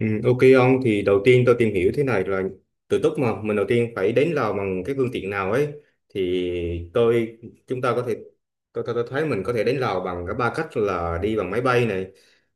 Ừ, ok ông, thì đầu tiên tôi tìm hiểu thế này là tự túc mà mình đầu tiên phải đến Lào bằng cái phương tiện nào ấy. Thì tôi chúng ta có thể Tôi thấy mình có thể đến Lào bằng cả ba cách, là đi bằng máy bay này,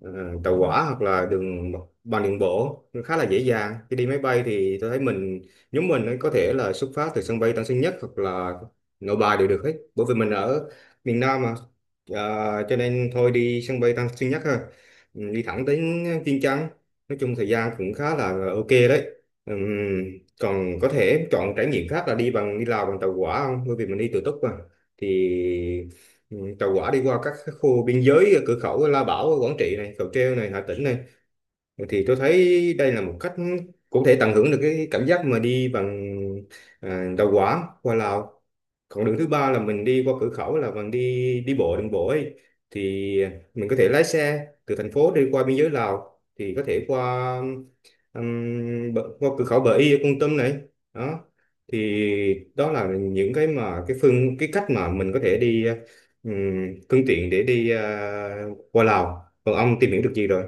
ờ, tàu hỏa, hoặc là đường bộ. Nó khá là dễ dàng. Khi đi máy bay thì tôi thấy nhóm mình ấy có thể là xuất phát từ sân bay Tân Sơn Nhất hoặc là Nội Bài đều được hết, bởi vì mình ở miền Nam mà. Ờ, cho nên thôi đi sân bay Tân Sơn Nhất ha. Ừ, đi thẳng đến Vientiane, nói chung thời gian cũng khá là ok đấy. Ừm, Còn có thể em chọn trải nghiệm khác là đi bằng đi Lào bằng tàu hỏa không? Bởi vì mình đi tự túc mà. Thì Tàu hỏa đi qua các cái khu biên giới ở cửa khẩu Lao Bảo Quảng Trị này, Cầu Treo này, Hà Tĩnh này. Thì tôi thấy đây là một cách cũng thể tận hưởng được cái cảm giác mà đi bằng tàu hỏa qua Lào. Còn đường thứ ba là mình đi qua cửa khẩu, là bằng đi đi bộ đường bộ ấy. Thì mình có thể lái xe từ thành phố đi qua biên giới Lào, thì có thể qua ừm, qua cửa khẩu Bờ Y ở Kon Tum này. Đó, thì đó là những cái mà cái phương cái cách mà mình có thể đi, ừm, phương tiện để đi qua Lào. Còn ông tìm hiểu được gì rồi?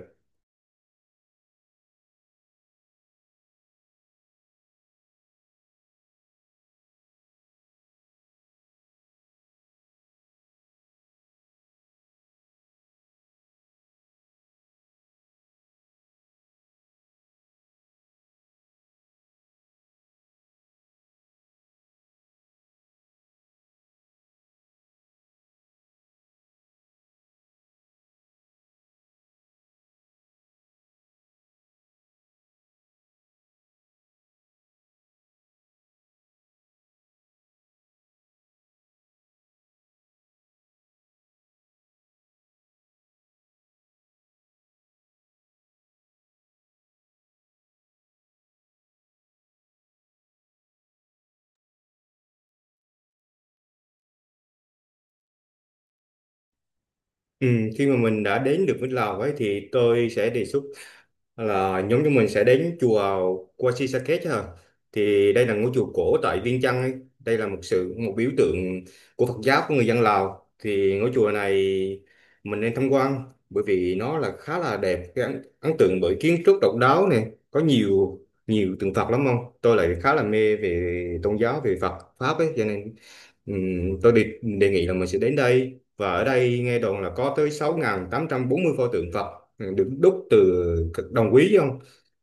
Ừ, khi mà mình đã đến được với Lào ấy thì tôi sẽ đề xuất là nhóm chúng mình sẽ đến chùa Qua Si Sa Kết chứ. Thì đây là ngôi chùa cổ tại Viêng Chăn ấy. Đây là một biểu tượng của Phật giáo, của người dân Lào. Thì ngôi chùa này mình nên tham quan, bởi vì nó là khá là đẹp, cái ấn tượng bởi kiến trúc độc đáo này, có nhiều nhiều tượng Phật lắm không. Tôi lại khá là mê về tôn giáo, về Phật pháp ấy, cho nên tôi đề nghị là mình sẽ đến đây, và ở đây nghe đồn là có tới 6840 pho tượng Phật, ừ, được đúc từ cực đồng quý chứ không?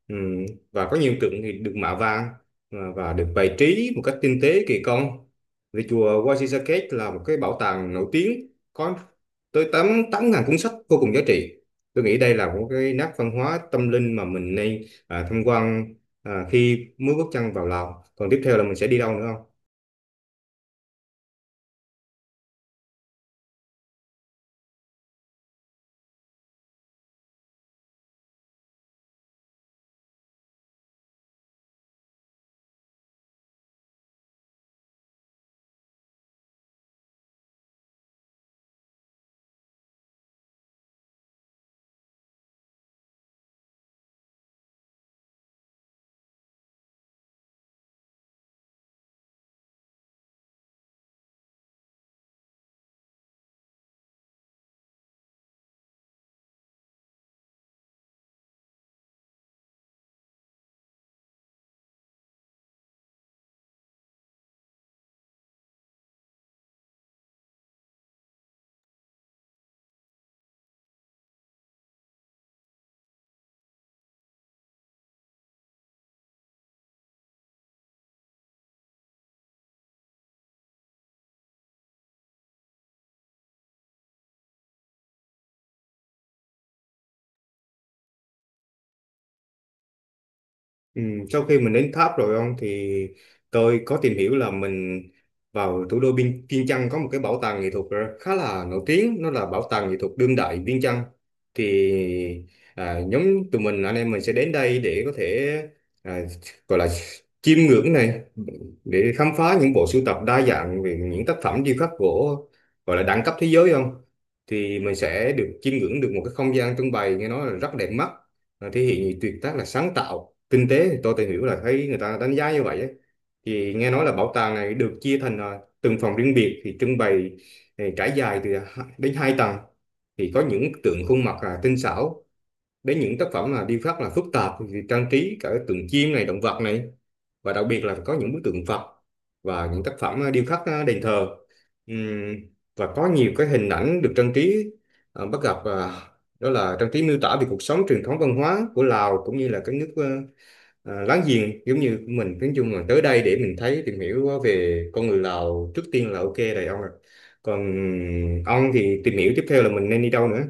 Ừm, và có nhiều tượng thì được mạ vàng, và được bày trí một cách tinh tế, kỳ công. Vì chùa Waisakek là một cái bảo tàng nổi tiếng, có tới 8 8000 cuốn sách vô cùng giá trị. Tôi nghĩ đây là một cái nét văn hóa tâm linh mà mình nên tham quan khi mới bước chân vào Lào. Còn tiếp theo là mình sẽ đi đâu nữa không? Ừ, sau khi mình đến tháp rồi ông, thì tôi có tìm hiểu là mình vào thủ đô Biên Viêng Chăn có một cái bảo tàng nghệ thuật khá là nổi tiếng, nó là bảo tàng nghệ thuật đương đại Viêng Chăn. thì Nhóm tụi mình anh em mình sẽ đến đây để có thể à, gọi là chiêm ngưỡng này, để khám phá những bộ sưu tập đa dạng về những tác phẩm điêu khắc gỗ, gọi là đẳng cấp thế giới không. Thì mình sẽ được chiêm ngưỡng được một cái không gian trưng bày nghe nói là rất đẹp mắt, thể hiện tuyệt tác là sáng tạo kinh tế. Thì tôi tìm hiểu là thấy người ta đánh giá như vậy ấy. Thì nghe nói là bảo tàng này được chia thành từng phòng riêng biệt, thì trưng bày trải dài từ đến hai tầng, thì có những tượng khuôn mặt là tinh xảo, đến những tác phẩm là điêu khắc là phức tạp, thì trang trí cả tượng chim này, động vật này, và đặc biệt là có những bức tượng Phật, và những tác phẩm điêu khắc đền thờ. Ừm, và có nhiều cái hình ảnh được trang trí, à, bắt gặp à, đó là trang trí miêu tả về cuộc sống, truyền thống văn hóa của Lào, cũng như là các nước láng giềng giống như của mình. Nói chung là tới đây để mình thấy, tìm hiểu về con người Lào trước tiên là ok rồi ông ạ. Còn ông thì tìm hiểu tiếp theo là mình nên đi đâu nữa?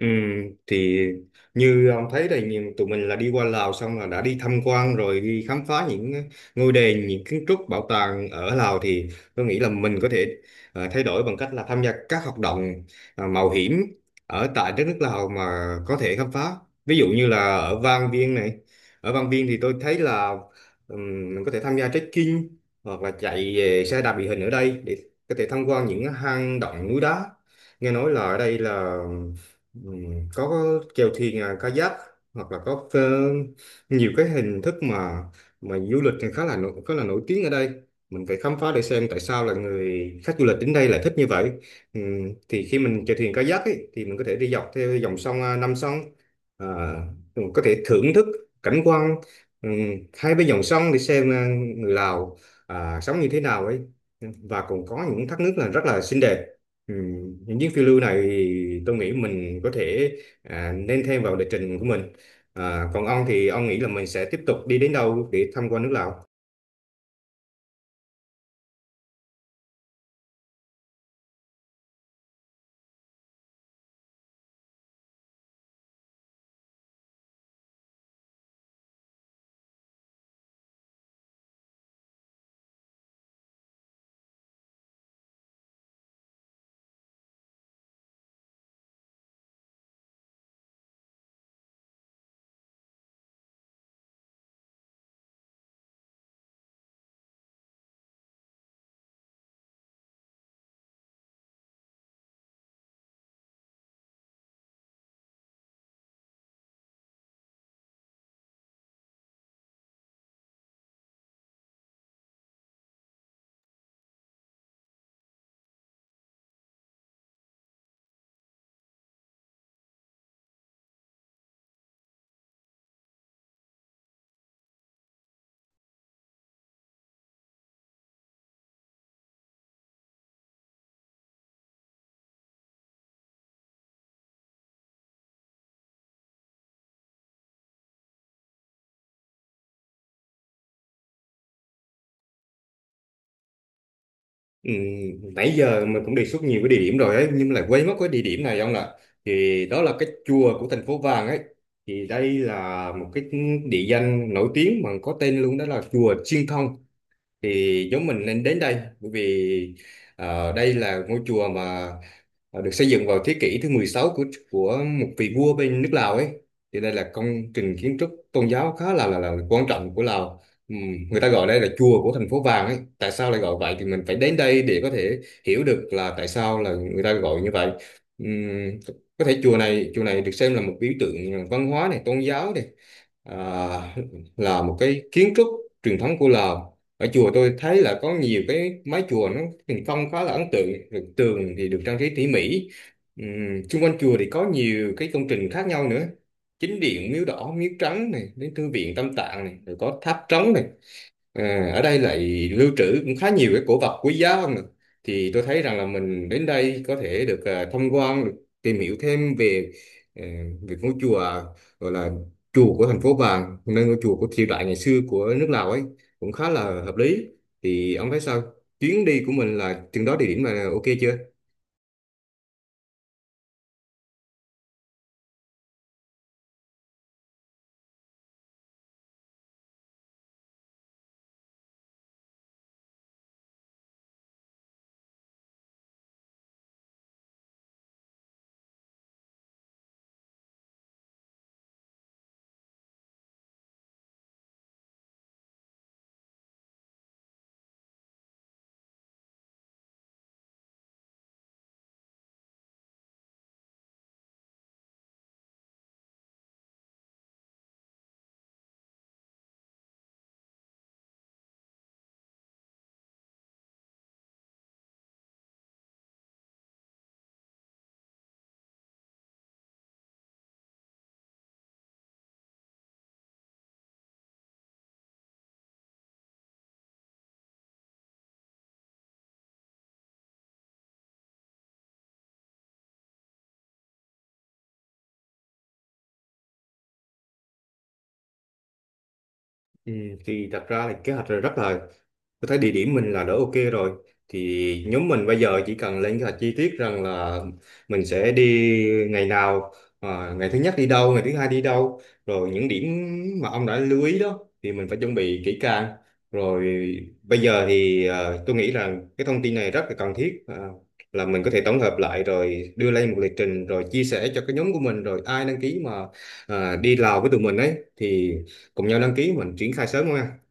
Ừ, thì như ông thấy đây, nhìn tụi mình là đi qua Lào xong là đã đi tham quan rồi, đi khám phá những ngôi đền, những kiến trúc, bảo tàng ở Lào. Thì tôi nghĩ là mình có thể thay đổi bằng cách là tham gia các hoạt động mạo hiểm ở tại đất nước Lào mà có thể khám phá, ví dụ như là ở Vang Vieng này. Ở Vang Vieng thì tôi thấy là mình có thể tham gia trekking, hoặc là chạy về xe đạp địa hình ở đây để có thể tham quan những hang động, núi đá. Nghe nói là ở đây là, ừ, có chèo thuyền kayak, hoặc là có nhiều cái hình thức mà du lịch thì khá là nổi tiếng ở đây. Mình phải khám phá để xem tại sao là người khách du lịch đến đây lại thích như vậy. Ừ, thì khi mình chèo thuyền kayak ấy, thì mình có thể đi dọc theo dòng sông Nam sông, à, mình có thể thưởng thức cảnh quan, ừ, hai bên dòng sông để xem người Lào sống như thế nào ấy. Ừ, và còn có những thác nước là rất là xinh đẹp. Ừ. Những chuyến phiêu lưu này thì tôi nghĩ mình có thể nên thêm vào lịch trình của mình. À, còn ông thì ông nghĩ là mình sẽ tiếp tục đi đến đâu để tham quan nước Lào? Ừ. Nãy giờ mình cũng đề xuất nhiều cái địa điểm rồi ấy, nhưng mà lại quên mất cái địa điểm này ông ạ. Thì đó là cái chùa của thành phố Vàng ấy. Thì đây là một cái địa danh nổi tiếng mà có tên luôn, đó là chùa Chiên Thông. Thì chúng mình nên đến đây, bởi vì đây là ngôi chùa mà được xây dựng vào thế kỷ thứ 16, của một vị vua bên nước Lào ấy. Thì đây là công trình kiến trúc tôn giáo khá là là quan trọng của Lào. Người ta gọi đây là chùa của thành phố vàng ấy, tại sao lại gọi vậy thì mình phải đến đây để có thể hiểu được là tại sao là người ta gọi như vậy. Ừm, có thể chùa này được xem là một biểu tượng văn hóa này, tôn giáo này, à, là một cái kiến trúc truyền thống của Lào. Ở chùa tôi thấy là có nhiều cái mái chùa nó hình phong khá là ấn tượng. Rồi tường thì được trang trí tỉ mỉ. Xung quanh chùa thì có nhiều cái công trình khác nhau nữa, chính điện, miếu đỏ, miếu trắng này, đến thư viện tam tạng này, rồi có tháp trống này. À, ở đây lại lưu trữ cũng khá nhiều cái cổ vật quý giá không ạ? Thì tôi thấy rằng là mình đến đây có thể được tham quan, được tìm hiểu thêm về ờ, về ngôi chùa gọi là chùa của thành phố Vàng, nơi ngôi chùa của triều đại ngày xưa của nước Lào ấy, cũng khá là hợp lý. Thì ông thấy sao? Chuyến đi của mình là chừng đó địa điểm là ok chưa? Ừ, thì thật ra là kế hoạch là rất là, tôi thấy địa điểm mình là đỡ ok rồi. Thì nhóm mình bây giờ chỉ cần lên kế hoạch chi tiết, rằng là mình sẽ đi ngày nào, ngày thứ nhất đi đâu, ngày thứ hai đi đâu. Rồi những điểm mà ông đã lưu ý đó thì mình phải chuẩn bị kỹ càng. Rồi bây giờ thì tôi nghĩ là cái thông tin này rất là cần thiết. À, là mình có thể tổng hợp lại rồi đưa lên một lịch trình, rồi chia sẻ cho cái nhóm của mình, rồi ai đăng ký mà đi Lào với tụi mình ấy thì cùng nhau đăng ký, mình triển khai sớm thôi.